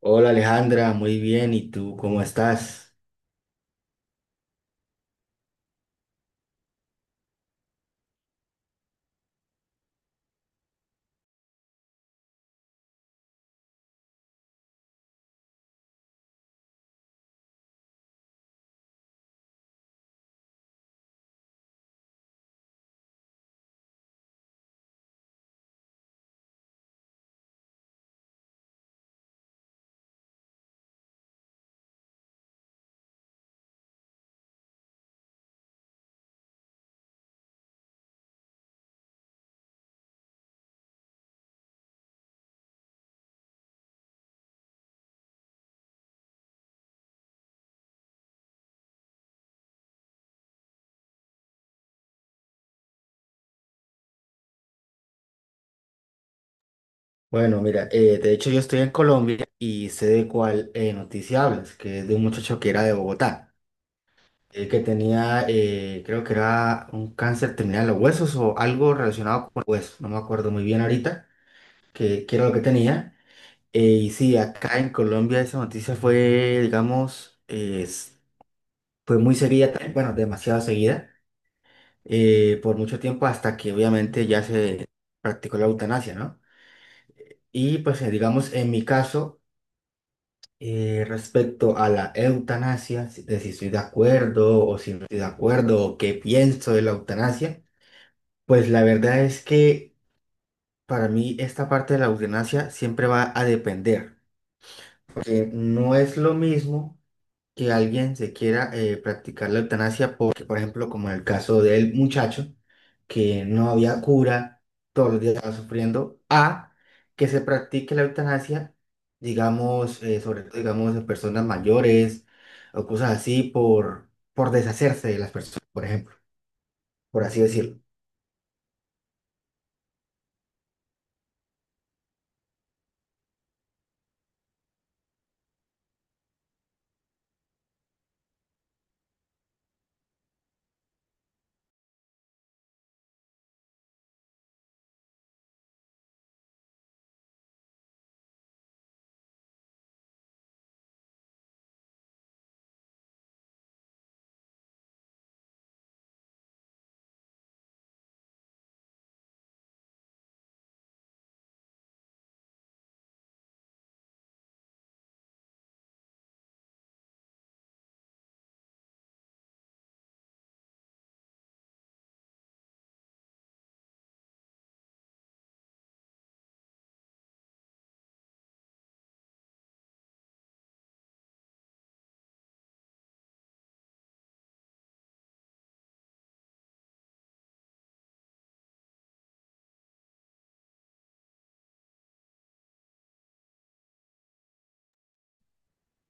Hola Alejandra, muy bien. ¿Y tú cómo estás? Bueno, mira, de hecho yo estoy en Colombia y sé de cuál noticia hablas, que es de un muchacho que era de Bogotá, que tenía, creo que era un cáncer terminal de los huesos o algo relacionado con huesos, no me acuerdo muy bien ahorita, que era lo que tenía. Y sí, acá en Colombia esa noticia fue, digamos, fue muy seguida, también, bueno, demasiado seguida, por mucho tiempo hasta que obviamente ya se practicó la eutanasia, ¿no? Y pues digamos, en mi caso, respecto a la eutanasia, de si estoy de acuerdo o si no estoy de acuerdo o qué pienso de la eutanasia, pues la verdad es que para mí esta parte de la eutanasia siempre va a depender, porque no es lo mismo que alguien se quiera practicar la eutanasia porque, por ejemplo, como en el caso del muchacho, que no había cura, todos los días estaba sufriendo, a que se practique la eutanasia, digamos, sobre todo, digamos, en personas mayores o cosas así, por deshacerse de las personas, por ejemplo, por así decirlo.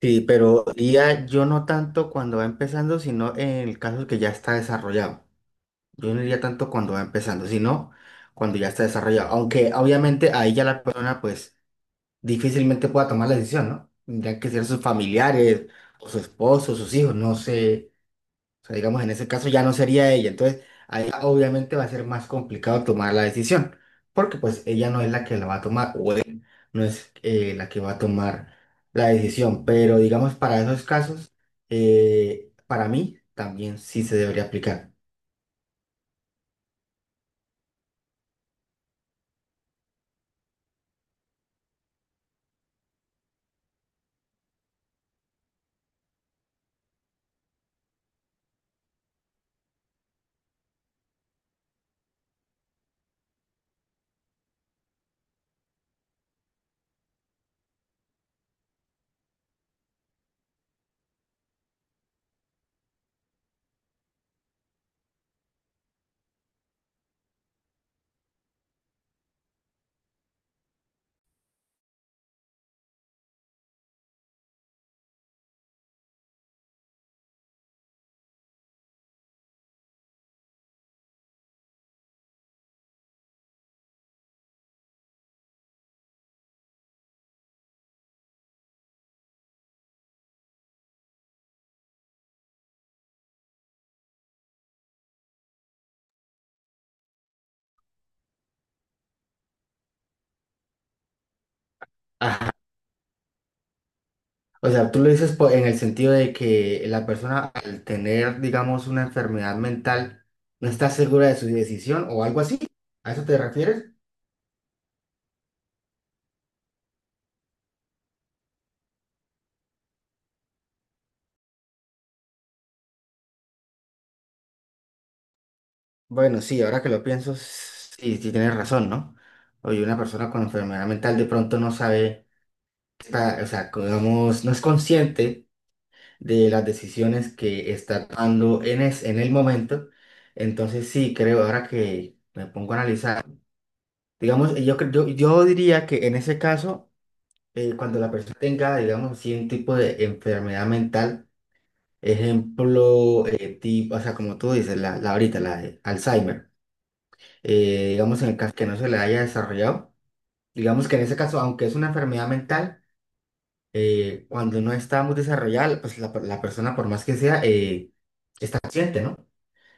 Sí, pero diría yo no tanto cuando va empezando, sino en el caso que ya está desarrollado. Yo no diría tanto cuando va empezando, sino cuando ya está desarrollado. Aunque obviamente ahí ya la persona pues difícilmente pueda tomar la decisión, ¿no? Tendrían que ser sus familiares o su esposo, sus hijos, no sé. O sea, digamos, en ese caso ya no sería ella. Entonces, ahí obviamente va a ser más complicado tomar la decisión, porque pues ella no es la que la va a tomar o él no es la que va a tomar la decisión. Pero digamos, para esos casos, para mí también sí se debería aplicar. O sea, tú lo dices en el sentido de que la persona al tener, digamos, una enfermedad mental no está segura de su decisión o algo así. ¿A eso te refieres? Bueno, sí, ahora que lo pienso, sí, sí tienes razón, ¿no? Oye, una persona con enfermedad mental de pronto no sabe, está, o sea, digamos, no es consciente de las decisiones que está tomando en el momento. Entonces, sí, creo, ahora que me pongo a analizar, digamos, yo diría que en ese caso… cuando la persona tenga, digamos así, un tipo de enfermedad mental, ejemplo, tipo, o sea, como tú dices, la ahorita, la de Alzheimer, digamos en el caso que no se le haya desarrollado, digamos que en ese caso, aunque es una enfermedad mental, cuando no está muy desarrollada, pues la persona, por más que sea, está consciente, ¿no?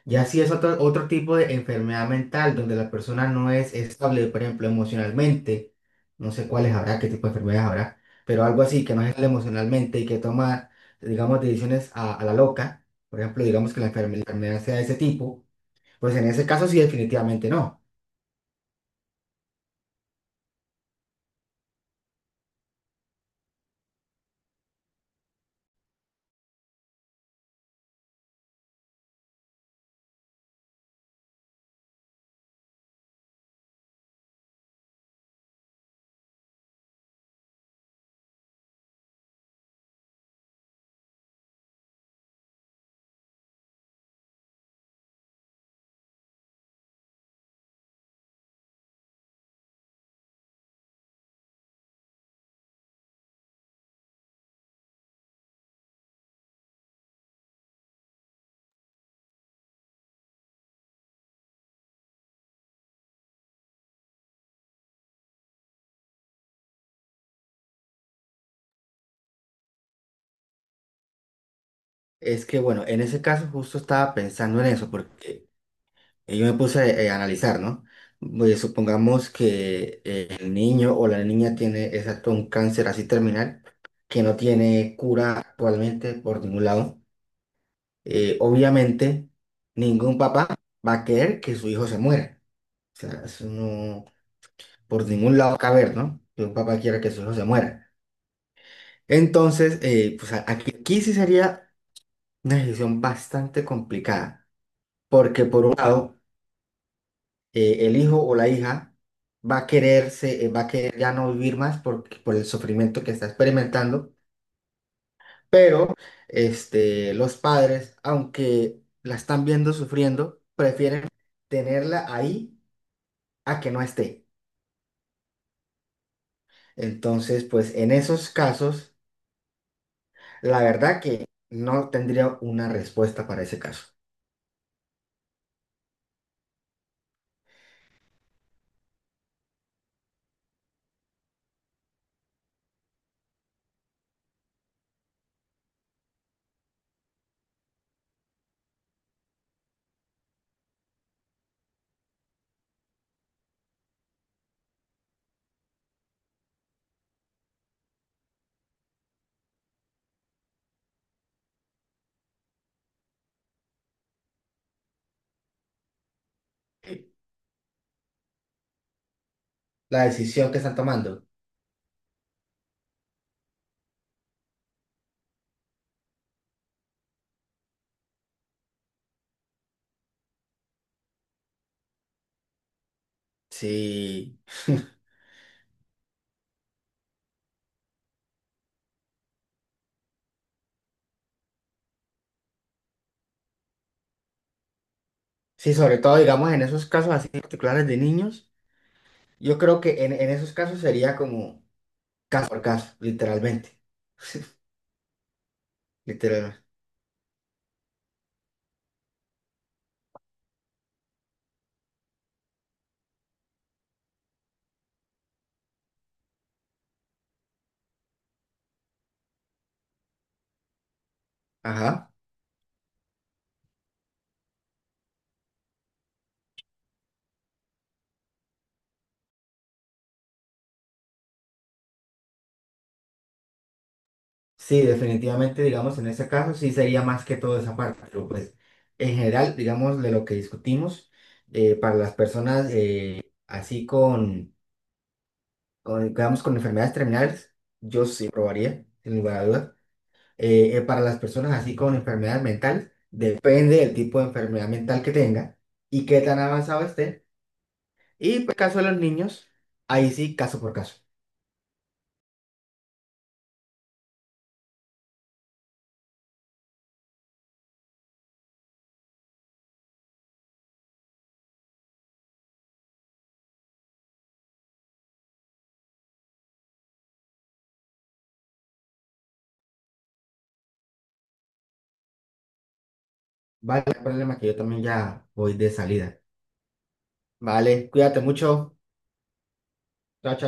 Ya si es otro tipo de enfermedad mental donde la persona no es estable, por ejemplo, emocionalmente, no sé cuáles habrá, qué tipo de enfermedades habrá, pero algo así que no es estable emocionalmente y que toma, digamos, decisiones a la loca, por ejemplo, digamos que la la enfermedad sea de ese tipo, pues en ese caso sí definitivamente no. Es que bueno, en ese caso justo estaba pensando en eso, porque y yo me puse a analizar, ¿no? Pues, supongamos que el niño o la niña tiene exacto un cáncer así terminal que no tiene cura actualmente por ningún lado. Obviamente, ningún papá va a querer que su hijo se muera. O sea, eso no, por ningún lado caber, ¿no? Que un papá quiera que su hijo se muera. Entonces, pues aquí sí sería una decisión bastante complicada, porque por un lado, el hijo o la hija va a quererse, va a querer ya no vivir más por el sufrimiento que está experimentando, pero este, los padres, aunque la están viendo sufriendo, prefieren tenerla ahí a que no esté. Entonces, pues en esos casos, la verdad que no tendría una respuesta para ese caso. La decisión que están tomando. Sí, sí, sobre todo, digamos, en esos casos así particulares de niños. Yo creo que en esos casos sería como caso por caso, literalmente. Literalmente. Ajá. Sí, definitivamente, digamos, en ese caso sí sería más que todo esa parte, pero pues en general, digamos, de lo que discutimos, para las personas así con, digamos, con enfermedades terminales, yo sí probaría, sin lugar a dudas. Para las personas así con enfermedades mentales, depende del tipo de enfermedad mental que tenga y qué tan avanzado esté. Y pues, caso de los niños, ahí sí, caso por caso. Vale, no hay problema que yo también ya voy de salida. Vale, cuídate mucho. Chao, chao.